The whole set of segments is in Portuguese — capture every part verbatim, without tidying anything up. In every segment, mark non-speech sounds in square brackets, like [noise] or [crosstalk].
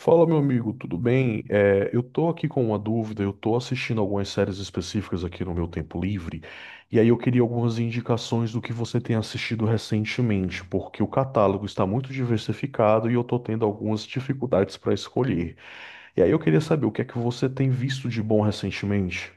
Fala, meu amigo, tudo bem? É, eu tô aqui com uma dúvida, eu tô assistindo algumas séries específicas aqui no meu tempo livre, e aí eu queria algumas indicações do que você tem assistido recentemente, porque o catálogo está muito diversificado e eu tô tendo algumas dificuldades para escolher. E aí eu queria saber o que é que você tem visto de bom recentemente?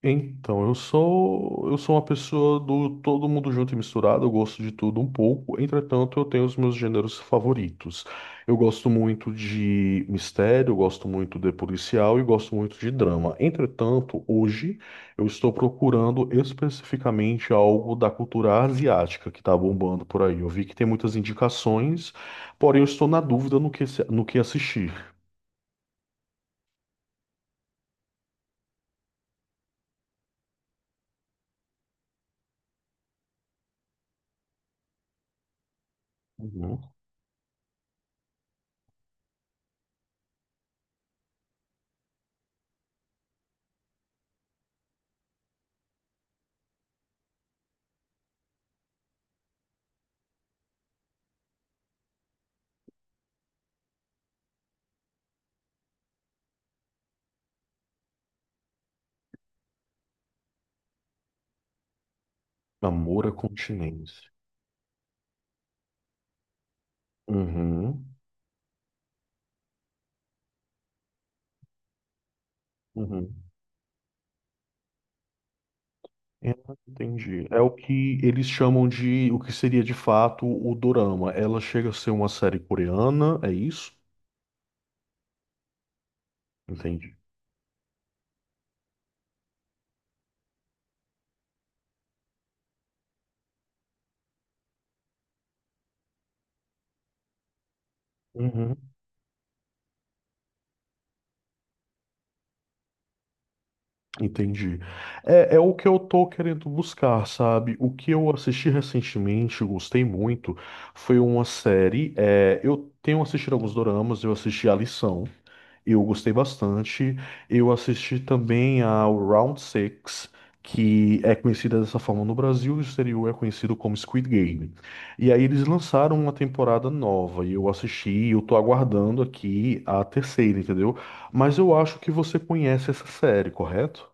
Então, eu sou eu sou uma pessoa do todo mundo junto e misturado, eu gosto de tudo um pouco, entretanto, eu tenho os meus gêneros favoritos. Eu gosto muito de mistério, eu gosto muito de policial e gosto muito de drama. Entretanto, hoje eu estou procurando especificamente algo da cultura asiática que está bombando por aí. Eu vi que tem muitas indicações, porém eu estou na dúvida no que, se- no que assistir. Uhum. Amor à continência. Uhum. Uhum. Eu Entendi. É o que eles chamam de o que seria de fato o dorama. Ela chega a ser uma série coreana, é isso? Entendi. Uhum. Entendi. É, é o que eu tô querendo buscar, sabe? O que eu assisti recentemente, gostei muito, foi uma série. é, Eu tenho assistido alguns doramas, eu assisti A Lição. Eu gostei bastante. Eu assisti também ao Round Six, que é conhecida dessa forma no Brasil e no exterior é conhecido como Squid Game. E aí eles lançaram uma temporada nova e eu assisti, e eu tô aguardando aqui a terceira, entendeu? Mas eu acho que você conhece essa série, correto?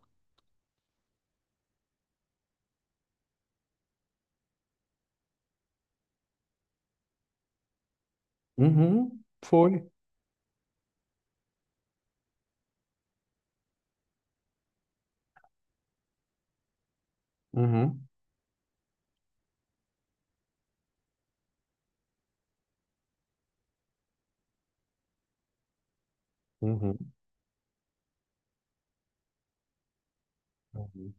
Uhum, foi. Uhum, uhum, uhum,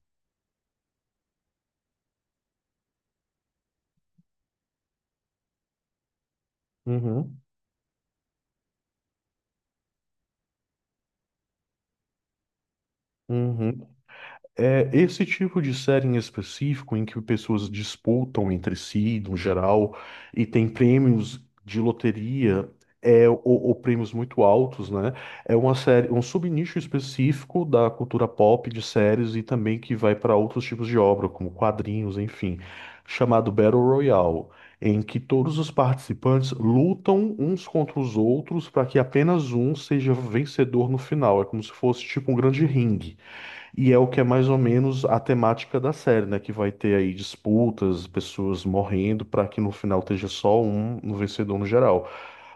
uhum, uhum. É esse tipo de série em específico, em que pessoas disputam entre si, no geral, e tem prêmios de loteria, é, ou, ou prêmios muito altos, né? É uma série, um subnicho específico da cultura pop de séries e também que vai para outros tipos de obra, como quadrinhos, enfim, chamado Battle Royale, em que todos os participantes lutam uns contra os outros para que apenas um seja vencedor no final. É como se fosse tipo um grande ringue. E é o que é mais ou menos a temática da série, né? Que vai ter aí disputas, pessoas morrendo, para que no final esteja só um no vencedor no geral.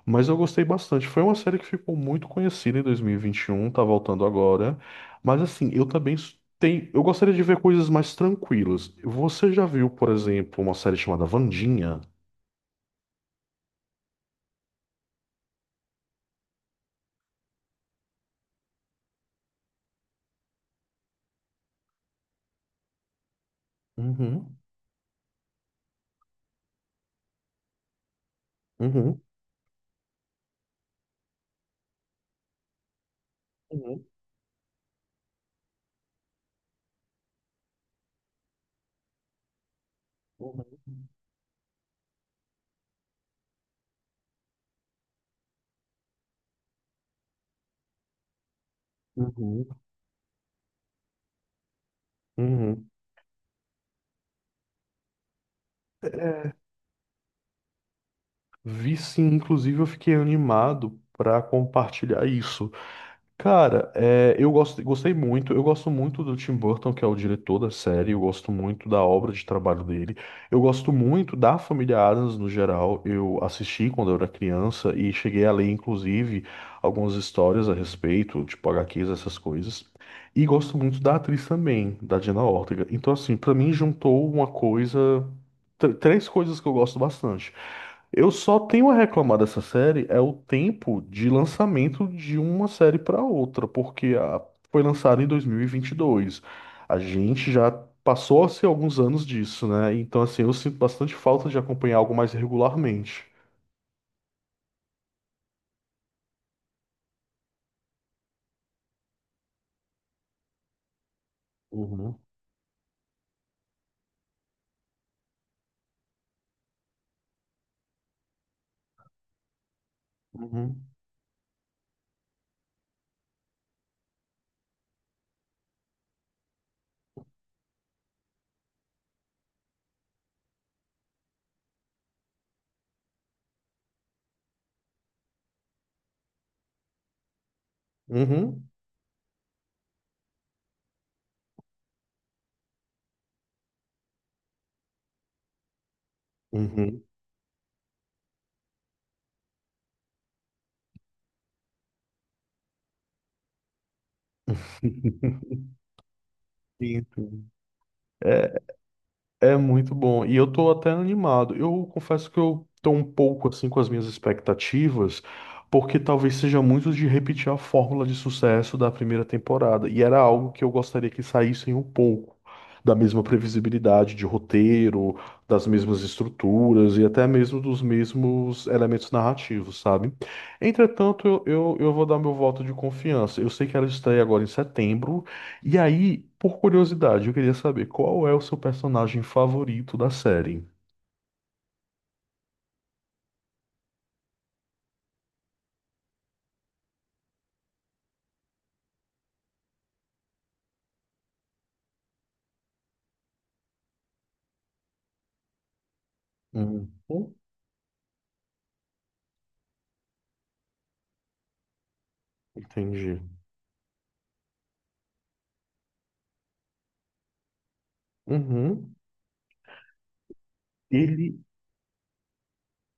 Mas eu gostei bastante. Foi uma série que ficou muito conhecida em dois mil e vinte e um, tá voltando agora. Mas assim, eu também s- tenho. Eu gostaria de ver coisas mais tranquilas. Você já viu, por exemplo, uma série chamada Wandinha? Uhum, uhum, uhum, uhum, uhum, uhum. Vi sim, inclusive eu fiquei animado para compartilhar isso. Cara, é, eu gosto, gostei muito. Eu gosto muito do Tim Burton, que é o diretor da série. Eu gosto muito da obra de trabalho dele. Eu gosto muito da família Adams no geral. Eu assisti quando eu era criança e cheguei a ler, inclusive, algumas histórias a respeito, tipo H Qs, essas coisas. E gosto muito da atriz também, da Jenna Ortega. Então, assim, pra mim juntou uma coisa, tr- três coisas que eu gosto bastante. Eu só tenho a reclamar dessa série é o tempo de lançamento de uma série para outra, porque a- foi lançada em dois mil e e vinte e dois. A gente já passou a ser alguns anos disso, né? Então, assim, eu sinto bastante falta de acompanhar algo mais regularmente. Uhum, uhum, uhum, uhum. [laughs] Sim, sim. É muito bom. E eu tô até animado. Eu confesso que eu tô um pouco assim com as minhas expectativas, porque talvez seja muito de repetir a fórmula de sucesso da primeira temporada. E era algo que eu gostaria que saíssem um pouco da mesma previsibilidade de roteiro, das mesmas estruturas e até mesmo dos mesmos elementos narrativos, sabe? Entretanto, eu, eu, eu vou dar meu voto de confiança. Eu sei que ela estreia agora em setembro. E aí, por curiosidade, eu queria saber qual é o seu personagem favorito da série? Uhum. Entendi. Uhum. Ele,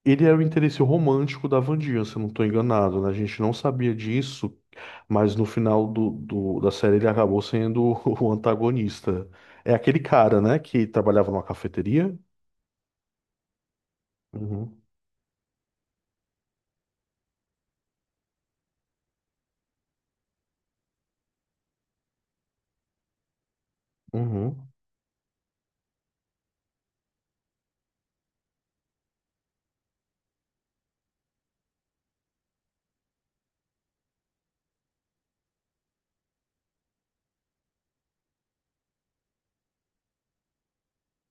ele era o interesse romântico da Wandinha, se eu não estou enganado, né? A gente não sabia disso, mas no final do, do- da série ele acabou sendo [laughs] o antagonista. É aquele cara, né, que trabalhava numa cafeteria? Uhum. Uhum.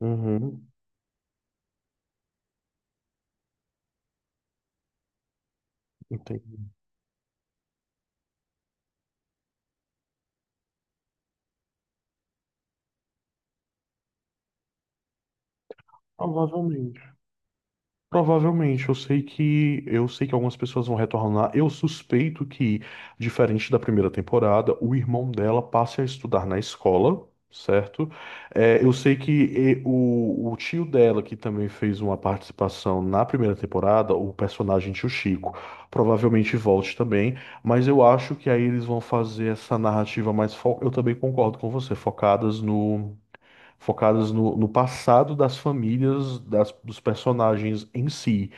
Uhum. Entendi. Provavelmente. Provavelmente, eu sei que eu sei que algumas pessoas vão retornar. Eu suspeito que, diferente da primeira temporada, o irmão dela passe a estudar na escola, certo? É, eu sei que e, o, o tio dela, que também fez uma participação na primeira temporada, o personagem tio Chico, provavelmente volte também, mas eu acho que aí eles vão fazer essa narrativa mais fo... Eu também concordo com você, focadas no focadas no, no passado das famílias, das- dos personagens em si.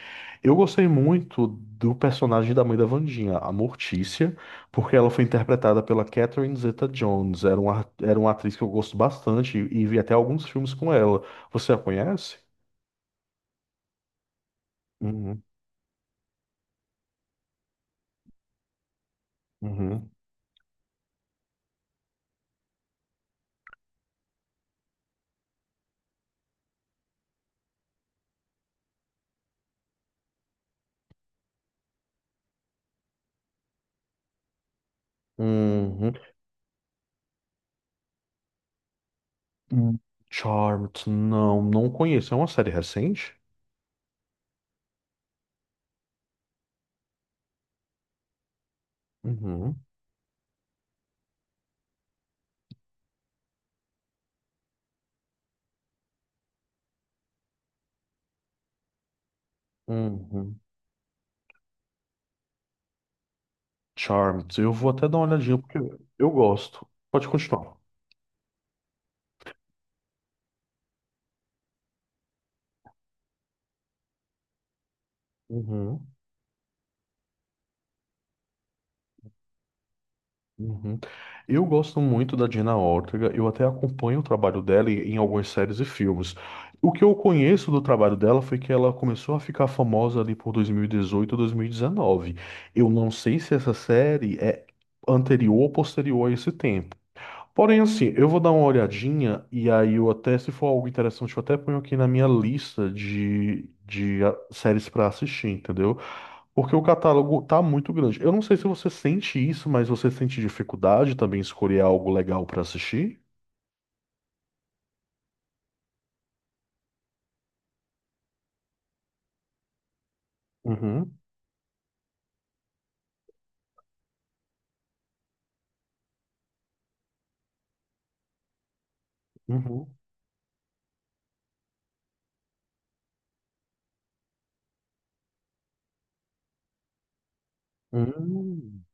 Eu gostei muito do personagem da mãe da Wandinha, a Mortícia, porque ela foi interpretada pela Catherine Zeta-Jones. Era uma, era uma atriz que eu gosto bastante e vi até alguns filmes com ela. Você a conhece? Uhum, uhum, uhum. Hum, Charmed, não, não conheço. É uma série recente? Uhum, uhum. Charmed, eu vou até dar uma olhadinha porque eu gosto. Pode continuar. Uhum, uhum. Eu gosto muito da Dina Ortega, eu até acompanho o trabalho dela em em algumas séries e filmes. O que eu conheço do trabalho dela foi que ela começou a ficar famosa ali por dois mil e dezoito, dois mil e dezenove. Eu não sei se essa série é anterior ou posterior a esse tempo. Porém, assim, eu vou dar uma olhadinha e aí eu até, se for algo interessante, eu até ponho aqui na minha lista de, de ah, séries para assistir, entendeu? Porque o catálogo tá muito grande. Eu não sei se você sente isso, mas você sente dificuldade também em escolher algo legal pra assistir? Uhum, uhum. Hum,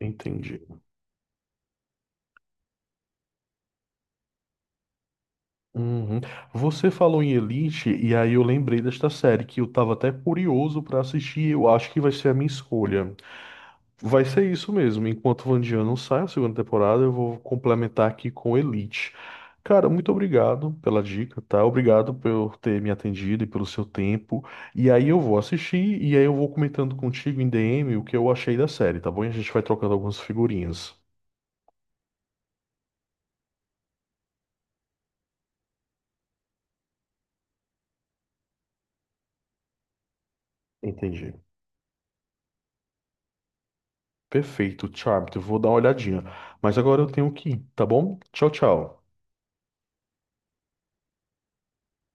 entendi. Uhum. Você falou em Elite, e aí eu lembrei desta série que eu tava até curioso pra assistir. Eu acho que vai ser a minha escolha. Vai ser isso mesmo. Enquanto Vandian não sai a segunda temporada, eu vou complementar aqui com Elite. Cara, muito obrigado pela dica, tá? Obrigado por ter me atendido e pelo seu tempo. E aí eu vou assistir e aí eu vou comentando contigo em D M o que eu achei da série, tá bom? E a gente vai trocando algumas figurinhas. Entendi. Perfeito, Charmed. Eu vou dar uma olhadinha. Mas agora eu tenho que ir, tá bom? Tchau, tchau.